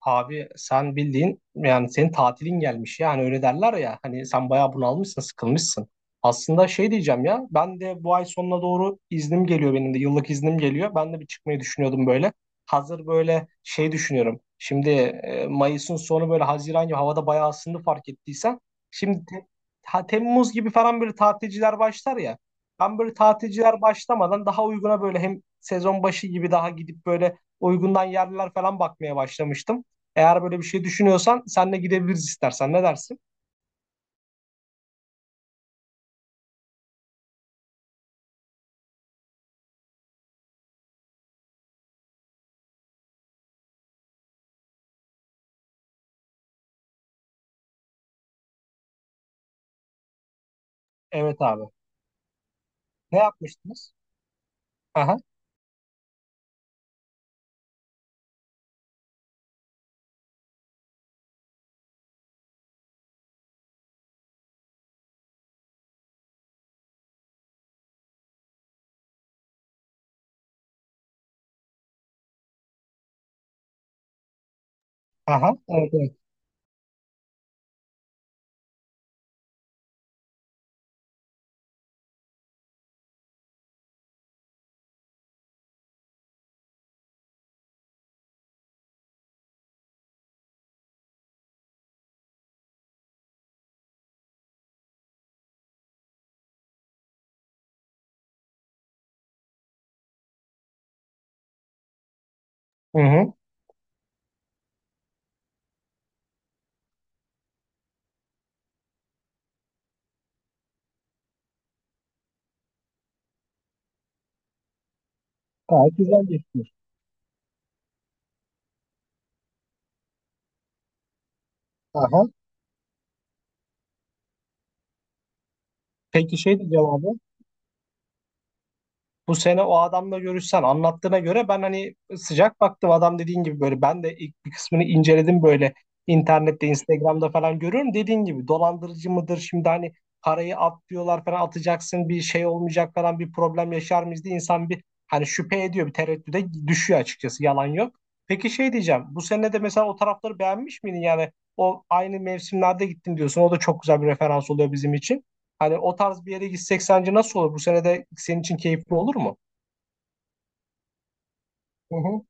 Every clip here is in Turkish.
Abi sen bildiğin yani senin tatilin gelmiş ya hani öyle derler ya hani sen bayağı bunalmışsın sıkılmışsın. Aslında şey diyeceğim ya ben de bu ay sonuna doğru iznim geliyor benim de yıllık iznim geliyor. Ben de bir çıkmayı düşünüyordum böyle. Hazır böyle şey düşünüyorum. Şimdi Mayıs'ın sonu böyle Haziran gibi havada bayağı ısındı fark ettiysen. Şimdi ha, Temmuz gibi falan böyle tatilciler başlar ya. Ben böyle tatilciler başlamadan daha uyguna böyle hem sezon başı gibi daha gidip böyle uygundan yerler falan bakmaya başlamıştım. Eğer böyle bir şey düşünüyorsan senle gidebiliriz istersen. Ne dersin? Evet abi. Ne yapmıştınız? Aha, aha. Evet, evet. Hı hı. Gayet güzel geçmiş. Aha. Peki şey diyeceğim abi. Bu sene o adamla görüşsen anlattığına göre ben hani sıcak baktım adam dediğin gibi böyle ben de ilk bir kısmını inceledim böyle internette Instagram'da falan görüyorum dediğin gibi dolandırıcı mıdır şimdi hani parayı at diyorlar falan atacaksın bir şey olmayacak falan bir problem yaşar mıyız diye insan bir hani şüphe ediyor bir tereddüde düşüyor açıkçası yalan yok. Peki şey diyeceğim bu sene de mesela o tarafları beğenmiş miydin yani o aynı mevsimlerde gittim diyorsun o da çok güzel bir referans oluyor bizim için. Hani o tarz bir yere gitsek sence nasıl olur? Bu sene de senin için keyifli olur mu? Hı hı.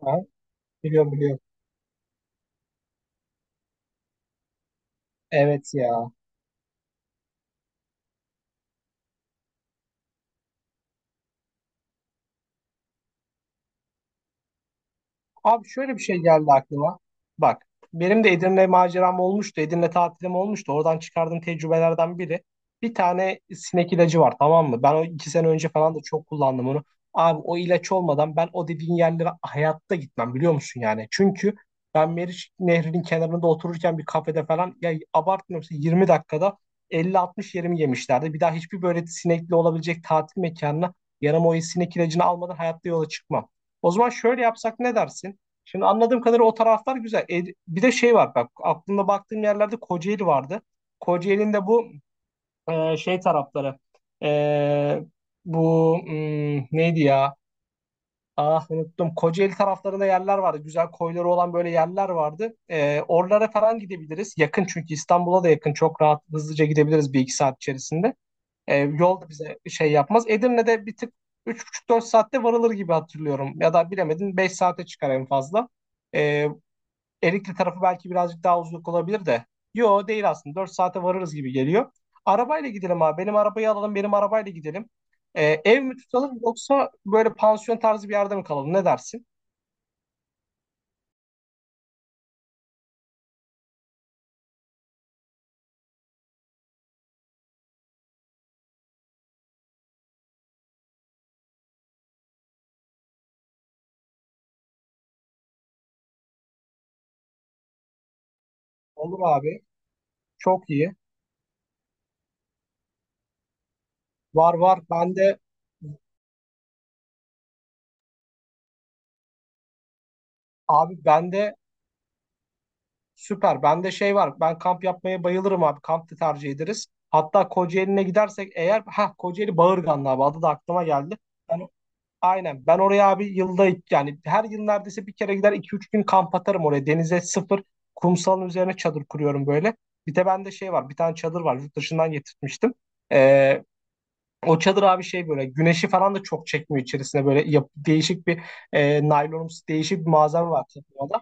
Aha, biliyorum biliyorum. Evet ya. Abi şöyle bir şey geldi aklıma. Bak benim de Edirne maceram olmuştu. Edirne tatilim olmuştu. Oradan çıkardığım tecrübelerden biri. Bir tane sinek ilacı var tamam mı? Ben o 2 sene önce falan da çok kullandım onu. Abi o ilaç olmadan ben o dediğin yerlere hayatta gitmem biliyor musun yani? Çünkü ben Meriç Nehri'nin kenarında otururken bir kafede falan ya abartmıyorum size, 20 dakikada 50-60 yerimi yemişlerdi. Bir daha hiçbir böyle sinekli olabilecek tatil mekanına yanıma o sinek ilacını almadan hayatta yola çıkmam. O zaman şöyle yapsak ne dersin? Şimdi anladığım kadarıyla o taraflar güzel. E, bir de şey var bak aklımda baktığım yerlerde Kocaeli vardı. Kocaeli'nin de bu şey tarafları e, bu neydi ya? Ah unuttum. Kocaeli taraflarında yerler vardı. Güzel koyları olan böyle yerler vardı. E, oralara falan gidebiliriz. Yakın çünkü İstanbul'a da yakın. Çok rahat hızlıca gidebiliriz bir iki saat içerisinde. E, yol da bize şey yapmaz. Edirne'de bir tık üç buçuk dört saatte varılır gibi hatırlıyorum. Ya da bilemedin 5 saate çıkar en fazla. E, Erikli tarafı belki birazcık daha uzun olabilir de. Yo değil aslında. 4 saate varırız gibi geliyor. Arabayla gidelim abi. Benim arabayı alalım. Benim arabayla gidelim. Ev mi tutalım yoksa böyle pansiyon tarzı bir yerde mi kalalım? Ne dersin? Olur abi. Çok iyi. Var var. Bende abi bende süper. Bende şey var. Ben kamp yapmaya bayılırım abi. Kamp da tercih ederiz. Hatta Kocaeli'ne gidersek eğer ha Kocaeli Bağırganlı abi adı da aklıma geldi. Aynen. Ben oraya abi yılda yani her yıl neredeyse bir kere gider iki üç gün kamp atarım oraya. Denize sıfır kumsalın üzerine çadır kuruyorum böyle. Bir de bende şey var bir tane çadır var yurt dışından getirtmiştim. Ee, o çadır abi şey böyle güneşi falan da çok çekmiyor içerisine böyle değişik bir naylonumsu değişik bir malzeme var çadırda.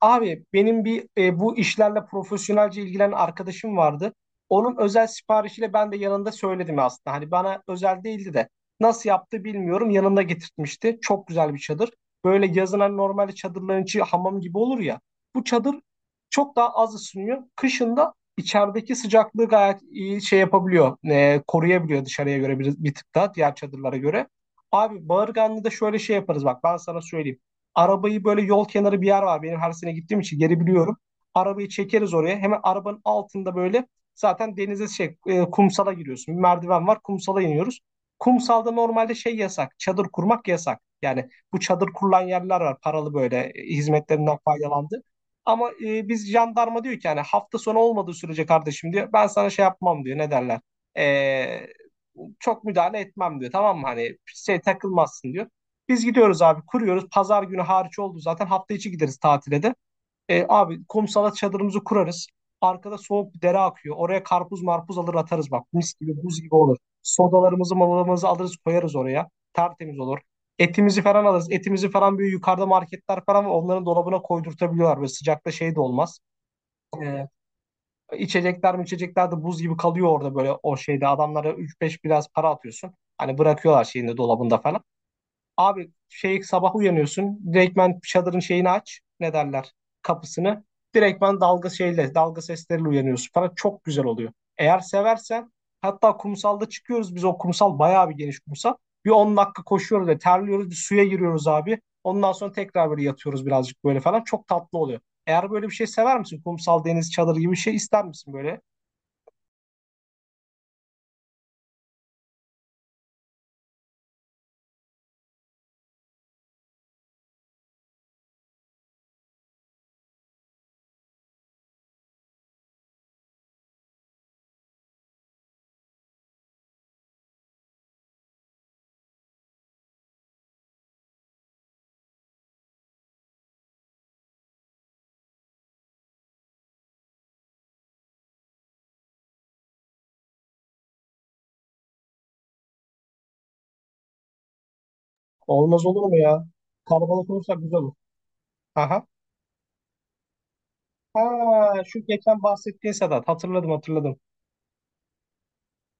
Abi benim bir bu işlerle profesyonelce ilgilenen arkadaşım vardı. Onun özel siparişiyle ben de yanında söyledim aslında. Hani bana özel değildi de nasıl yaptı bilmiyorum. Yanında getirtmişti. Çok güzel bir çadır. Böyle yazın hani normalde çadırların içi hamam gibi olur ya. Bu çadır çok daha az ısınıyor. Kışın da içerideki sıcaklığı gayet iyi şey yapabiliyor. Koruyabiliyor dışarıya göre bir tık daha diğer çadırlara göre. Abi Bağırganlı'da şöyle şey yaparız bak ben sana söyleyeyim. Arabayı böyle yol kenarı bir yer var. Benim her sene gittiğim için geri biliyorum. Arabayı çekeriz oraya. Hemen arabanın altında böyle zaten denize şey kumsala giriyorsun. Bir merdiven var. Kumsala iniyoruz. Kumsalda normalde şey yasak. Çadır kurmak yasak. Yani bu çadır kurulan yerler var. Paralı böyle hizmetlerinden faydalandı. Ama biz jandarma diyor ki yani hafta sonu olmadığı sürece kardeşim diyor. Ben sana şey yapmam diyor. Ne derler? E, çok müdahale etmem diyor. Tamam mı? Hani şey takılmazsın diyor. Biz gidiyoruz abi kuruyoruz. Pazar günü hariç oldu zaten. Hafta içi gideriz tatile de. E, abi kumsala çadırımızı kurarız. Arkada soğuk bir dere akıyor. Oraya karpuz marpuz alır atarız bak. Mis gibi buz gibi olur. Sodalarımızı malalarımızı alırız koyarız oraya. Tertemiz olur. Etimizi falan alırız. Etimizi falan böyle yukarıda marketler falan var. Onların dolabına koydurtabiliyorlar. Böyle sıcakta şey de olmaz. E, içecekler mi içecekler de buz gibi kalıyor orada böyle o şeyde. Adamlara üç beş biraz para atıyorsun. Hani bırakıyorlar şeyinde dolabında falan. Abi şey sabah uyanıyorsun. Direktmen çadırın şeyini aç. Ne derler? Kapısını. Direktmen dalga şeyle, dalga sesleriyle uyanıyorsun falan. Çok güzel oluyor. Eğer seversen hatta kumsalda çıkıyoruz biz o kumsal bayağı bir geniş kumsal. Bir 10 dakika koşuyoruz ve terliyoruz. Bir suya giriyoruz abi. Ondan sonra tekrar böyle yatıyoruz birazcık böyle falan. Çok tatlı oluyor. Eğer böyle bir şey sever misin? Kumsal, deniz, çadır gibi bir şey ister misin böyle? Olmaz olur mu ya? Kalabalık olursak güzel olur. Aha. Ha, şu geçen bahsettiğin Sedat. Hatırladım hatırladım.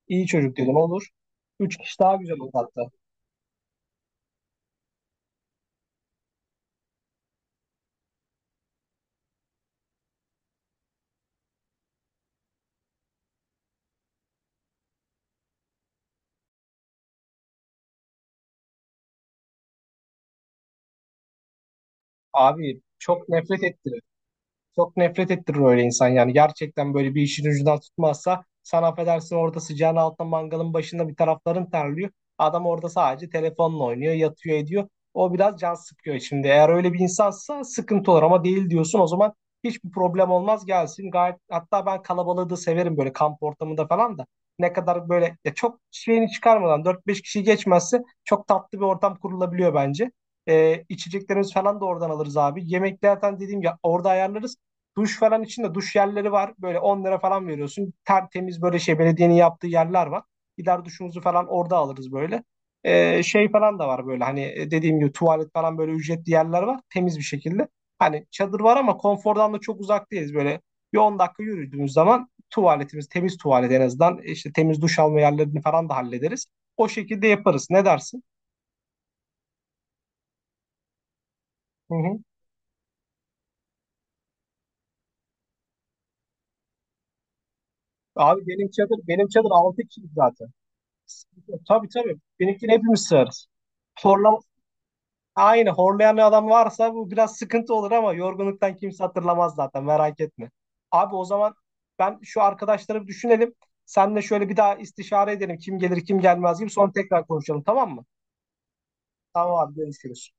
İyi çocuk dedim olur. 3 kişi daha güzel uzattı. Abi çok nefret ettim. Çok nefret ettirir öyle insan yani. Gerçekten böyle bir işin ucundan tutmazsa sen affedersin orada sıcağın altında mangalın başında bir tarafların terliyor. Adam orada sadece telefonla oynuyor, yatıyor ediyor. O biraz can sıkıyor şimdi. Eğer öyle bir insansa sıkıntı olur ama değil diyorsun o zaman hiçbir problem olmaz gelsin. Gayet hatta ben kalabalığı da severim böyle kamp ortamında falan da. Ne kadar böyle ya çok şeyini çıkarmadan dört beş kişi geçmezse çok tatlı bir ortam kurulabiliyor bence. İçeceklerimiz falan da oradan alırız abi. Yemeklerden dediğim ya orada ayarlarız. Duş falan için de duş yerleri var. Böyle 10 lira falan veriyorsun. Tertemiz böyle şey belediyenin yaptığı yerler var. Gider duşumuzu falan orada alırız böyle. Şey falan da var böyle hani dediğim gibi tuvalet falan böyle ücretli yerler var. Temiz bir şekilde. Hani çadır var ama konfordan da çok uzak değiliz. Böyle bir 10 dakika yürüdüğümüz zaman tuvaletimiz temiz tuvalet en azından. İşte temiz duş alma yerlerini falan da hallederiz. O şekilde yaparız. Ne dersin? Hı hı. Abi benim çadır benim çadır 6 kişi zaten. Tabii tabii. Benimkini hepimiz sığarız. Horlama aynı horlayan adam varsa bu biraz sıkıntı olur ama yorgunluktan kimse hatırlamaz zaten merak etme. Abi o zaman ben şu arkadaşları bir düşünelim. Senle şöyle bir daha istişare edelim. Kim gelir kim gelmez gibi sonra tekrar konuşalım tamam mı? Tamam abi görüşürüz.